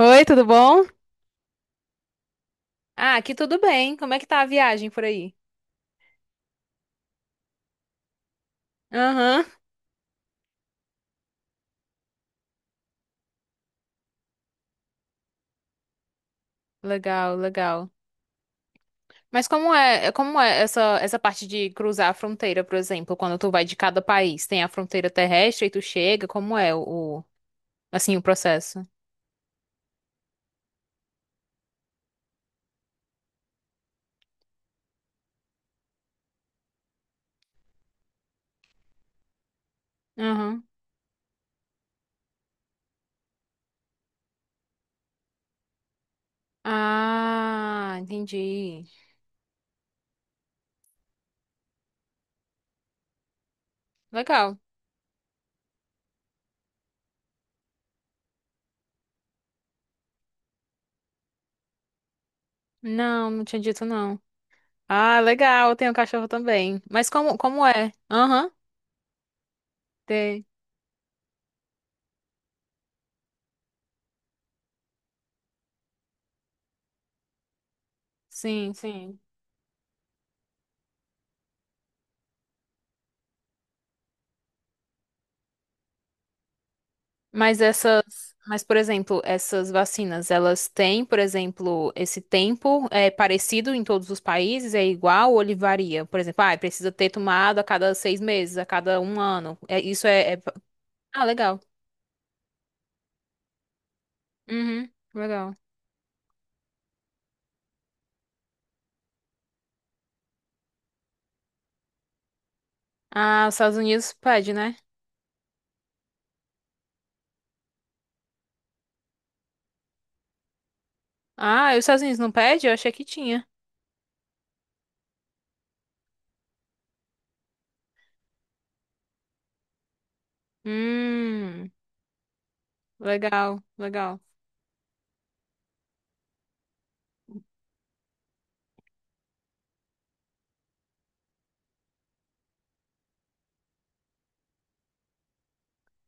Oi, tudo bom? Ah, aqui tudo bem. Como é que tá a viagem por aí? Aham. Legal, legal. Mas como é, como é essa parte de cruzar a fronteira, por exemplo, quando tu vai de cada país? Tem a fronteira terrestre e tu chega, como é assim, o processo? Aham. Ah, entendi. Legal. Não, não tinha dito não. Ah, legal, tem um cachorro também. Mas como é? Aham. Tem. Sim, sim. Mas por exemplo, essas vacinas, elas têm, por exemplo, esse tempo é parecido em todos os países, é igual ou ele varia? Por exemplo, precisa ter tomado a cada 6 meses, a cada um ano. É, isso. Ah, legal. Uhum, legal. Ah, os Estados Unidos pede, né? Ah, e os Estados Unidos não pede? Eu achei que tinha. Hum, Legal, legal.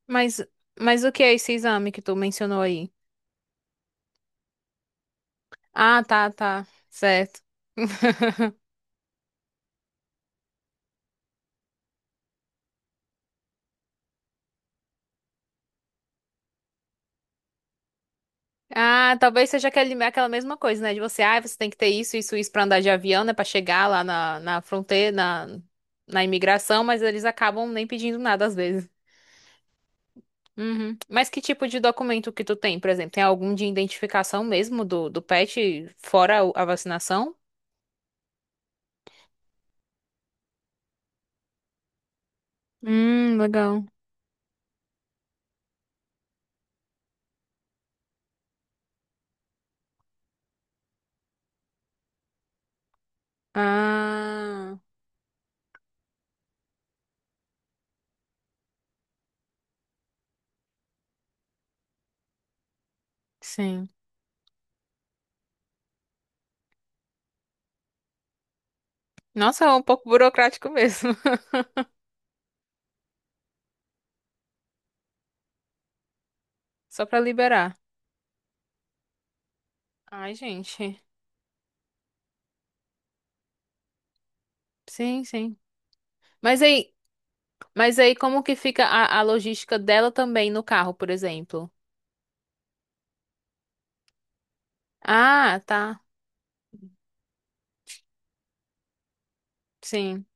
Mas, mas o que é esse exame que tu mencionou aí? Ah, tá, tá, certo. Ah, talvez seja aquela mesma coisa, né? De você, você tem que ter isso, isso, isso pra andar de avião, né? Pra chegar lá na fronteira, na imigração, mas eles acabam nem pedindo nada às vezes. Uhum. Mas que tipo de documento que tu tem, por exemplo? Tem algum de identificação mesmo do pet, fora a vacinação? Legal. Ah, sim. Nossa, é um pouco burocrático mesmo. Só pra liberar. Ai, gente. Sim, sim. Mas aí, Mas aí como que fica a logística dela também no carro, por exemplo? Ah, tá. Sim.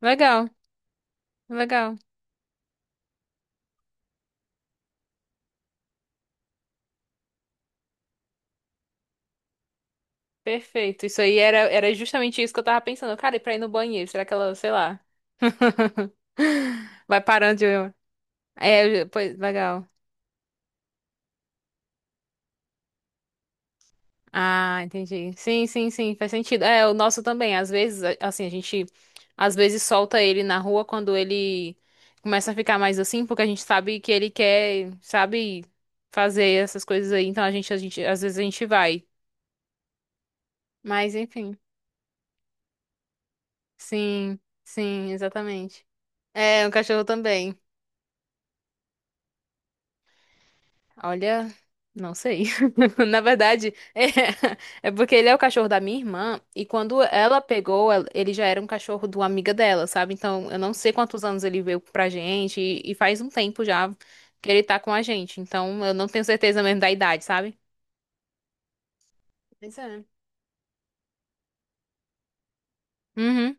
Legal, legal. Perfeito. Isso aí era justamente isso que eu tava pensando. Cara, e pra ir no banheiro? Será que ela, sei lá, vai parando de. É, pois, legal. Ah, entendi. Sim, sim, sim, faz sentido. É, o nosso também. Às vezes, assim, a gente às vezes solta ele na rua quando ele começa a ficar mais assim, porque a gente sabe que ele quer, sabe, fazer essas coisas aí. Então a gente, às vezes a gente vai. Mas enfim, sim, sim, exatamente. É, um cachorro também. Olha, não sei. Na verdade, é porque ele é o cachorro da minha irmã e quando ela pegou, ele já era um cachorro de uma amiga dela, sabe? Então, eu não sei quantos anos ele veio pra gente e faz um tempo já que ele tá com a gente. Então, eu não tenho certeza mesmo da idade, sabe? Pois é. Uhum.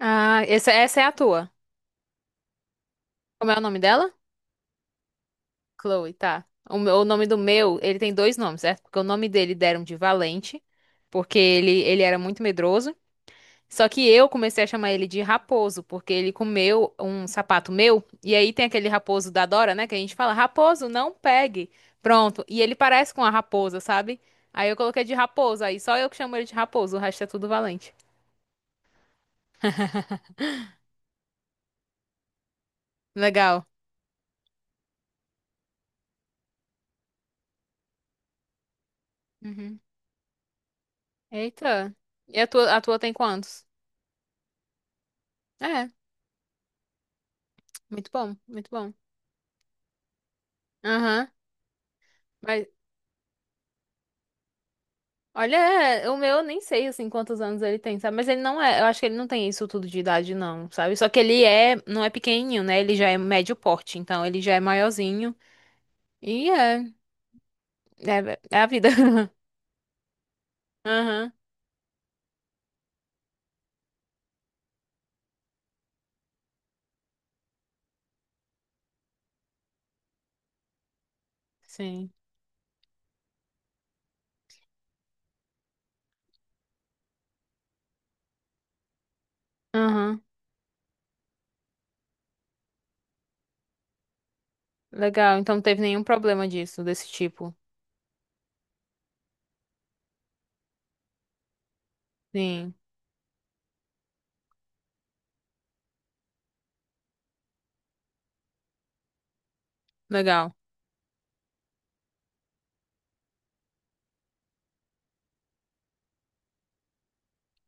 Ah, essa é a tua. Como é o nome dela? Chloe, tá. O nome do meu, ele tem dois nomes, certo? Porque o nome dele deram de Valente, porque ele era muito medroso. Só que eu comecei a chamar ele de Raposo, porque ele comeu um sapato meu, e aí tem aquele raposo da Dora, né? Que a gente fala, Raposo, não pegue. Pronto. E ele parece com a raposa, sabe? Aí eu coloquei de Raposo, aí só eu que chamo ele de Raposo, o resto é tudo Valente. Legal. Uhum. Eita. E a tua tem quantos? É, muito bom, muito bom. Aham. Mas olha, o meu eu nem sei assim quantos anos ele tem, sabe? Mas ele não é, eu acho que ele não tem isso tudo de idade não, sabe? Só que ele é, não é pequenininho, né? Ele já é médio porte, então ele já é maiorzinho. E é a vida. Aham, sim. Aham, legal. Então não teve nenhum problema disso, desse tipo. Sim, legal.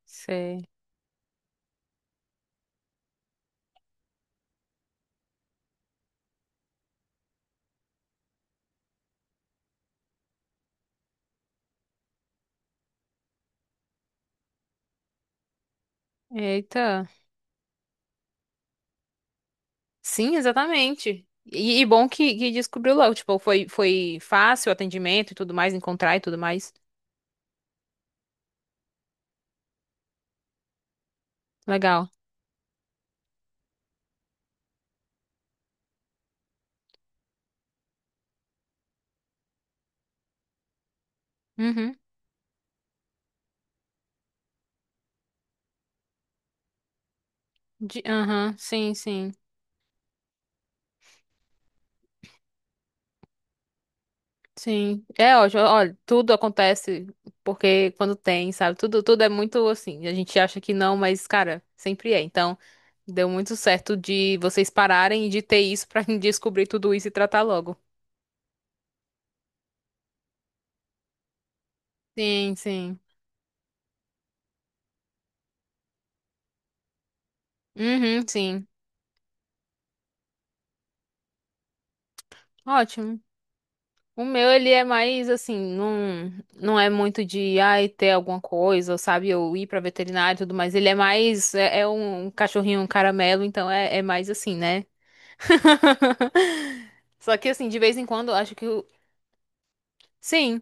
Sei. Eita. Sim, exatamente. E bom que descobriu logo, tipo, foi fácil o atendimento e tudo mais, encontrar e tudo mais. Legal. Uhum. Aham, sim, sim, sim. É ótimo, olha, tudo acontece porque quando tem, sabe? Tudo, tudo é muito assim, a gente acha que não, mas, cara, sempre é. Então, deu muito certo de vocês pararem e de ter isso pra descobrir tudo isso e tratar logo. Sim, sim. Uhum, sim. Ótimo. O meu, ele é mais assim, não, não é muito de, ai, ter alguma coisa, ou sabe? Ou ir pra veterinária e tudo mais. Ele é mais, é um cachorrinho um caramelo, então é mais assim, né? Só que assim, de vez em quando, acho que o... Sim,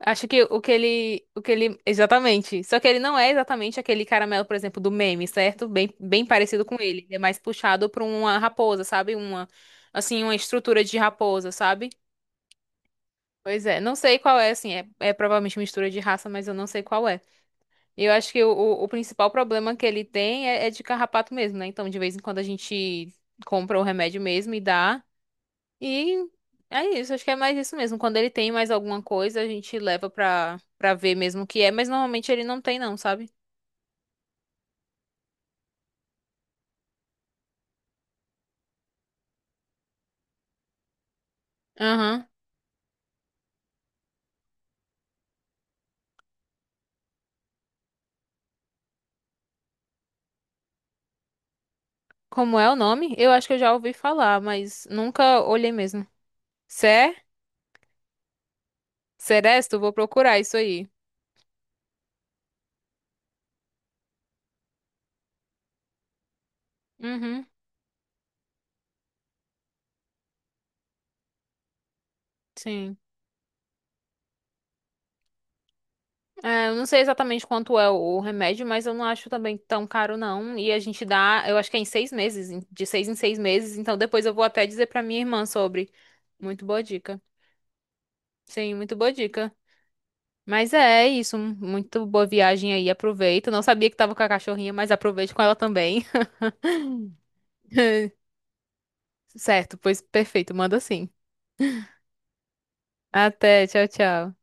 acho que o que ele, exatamente. Só que ele não é exatamente aquele caramelo, por exemplo, do meme, certo? Bem, bem parecido com ele. Ele é mais puxado pra uma raposa, sabe? Uma, assim, uma estrutura de raposa, sabe? Pois é, não sei qual é, assim, é provavelmente mistura de raça, mas eu não sei qual é. E eu acho que o principal problema que ele tem é de carrapato mesmo, né? Então, de vez em quando a gente compra o remédio mesmo e dá. E é isso, acho que é mais isso mesmo. Quando ele tem mais alguma coisa, a gente leva pra ver mesmo o que é, mas normalmente ele não tem, não, sabe? Aham. Como é o nome? Eu acho que eu já ouvi falar, mas nunca olhei mesmo. Cé? Seresto? Vou procurar isso aí. Uhum, sim. É, eu não sei exatamente quanto é o remédio, mas eu não acho também tão caro, não. E a gente dá, eu acho que é em 6 meses, de 6 em 6 meses. Então depois eu vou até dizer pra minha irmã sobre. Muito boa dica. Sim, muito boa dica. Mas é é isso, muito boa viagem aí, aproveita. Não sabia que tava com a cachorrinha, mas aproveite com ela também. Certo, pois perfeito, manda sim. Até, tchau, tchau.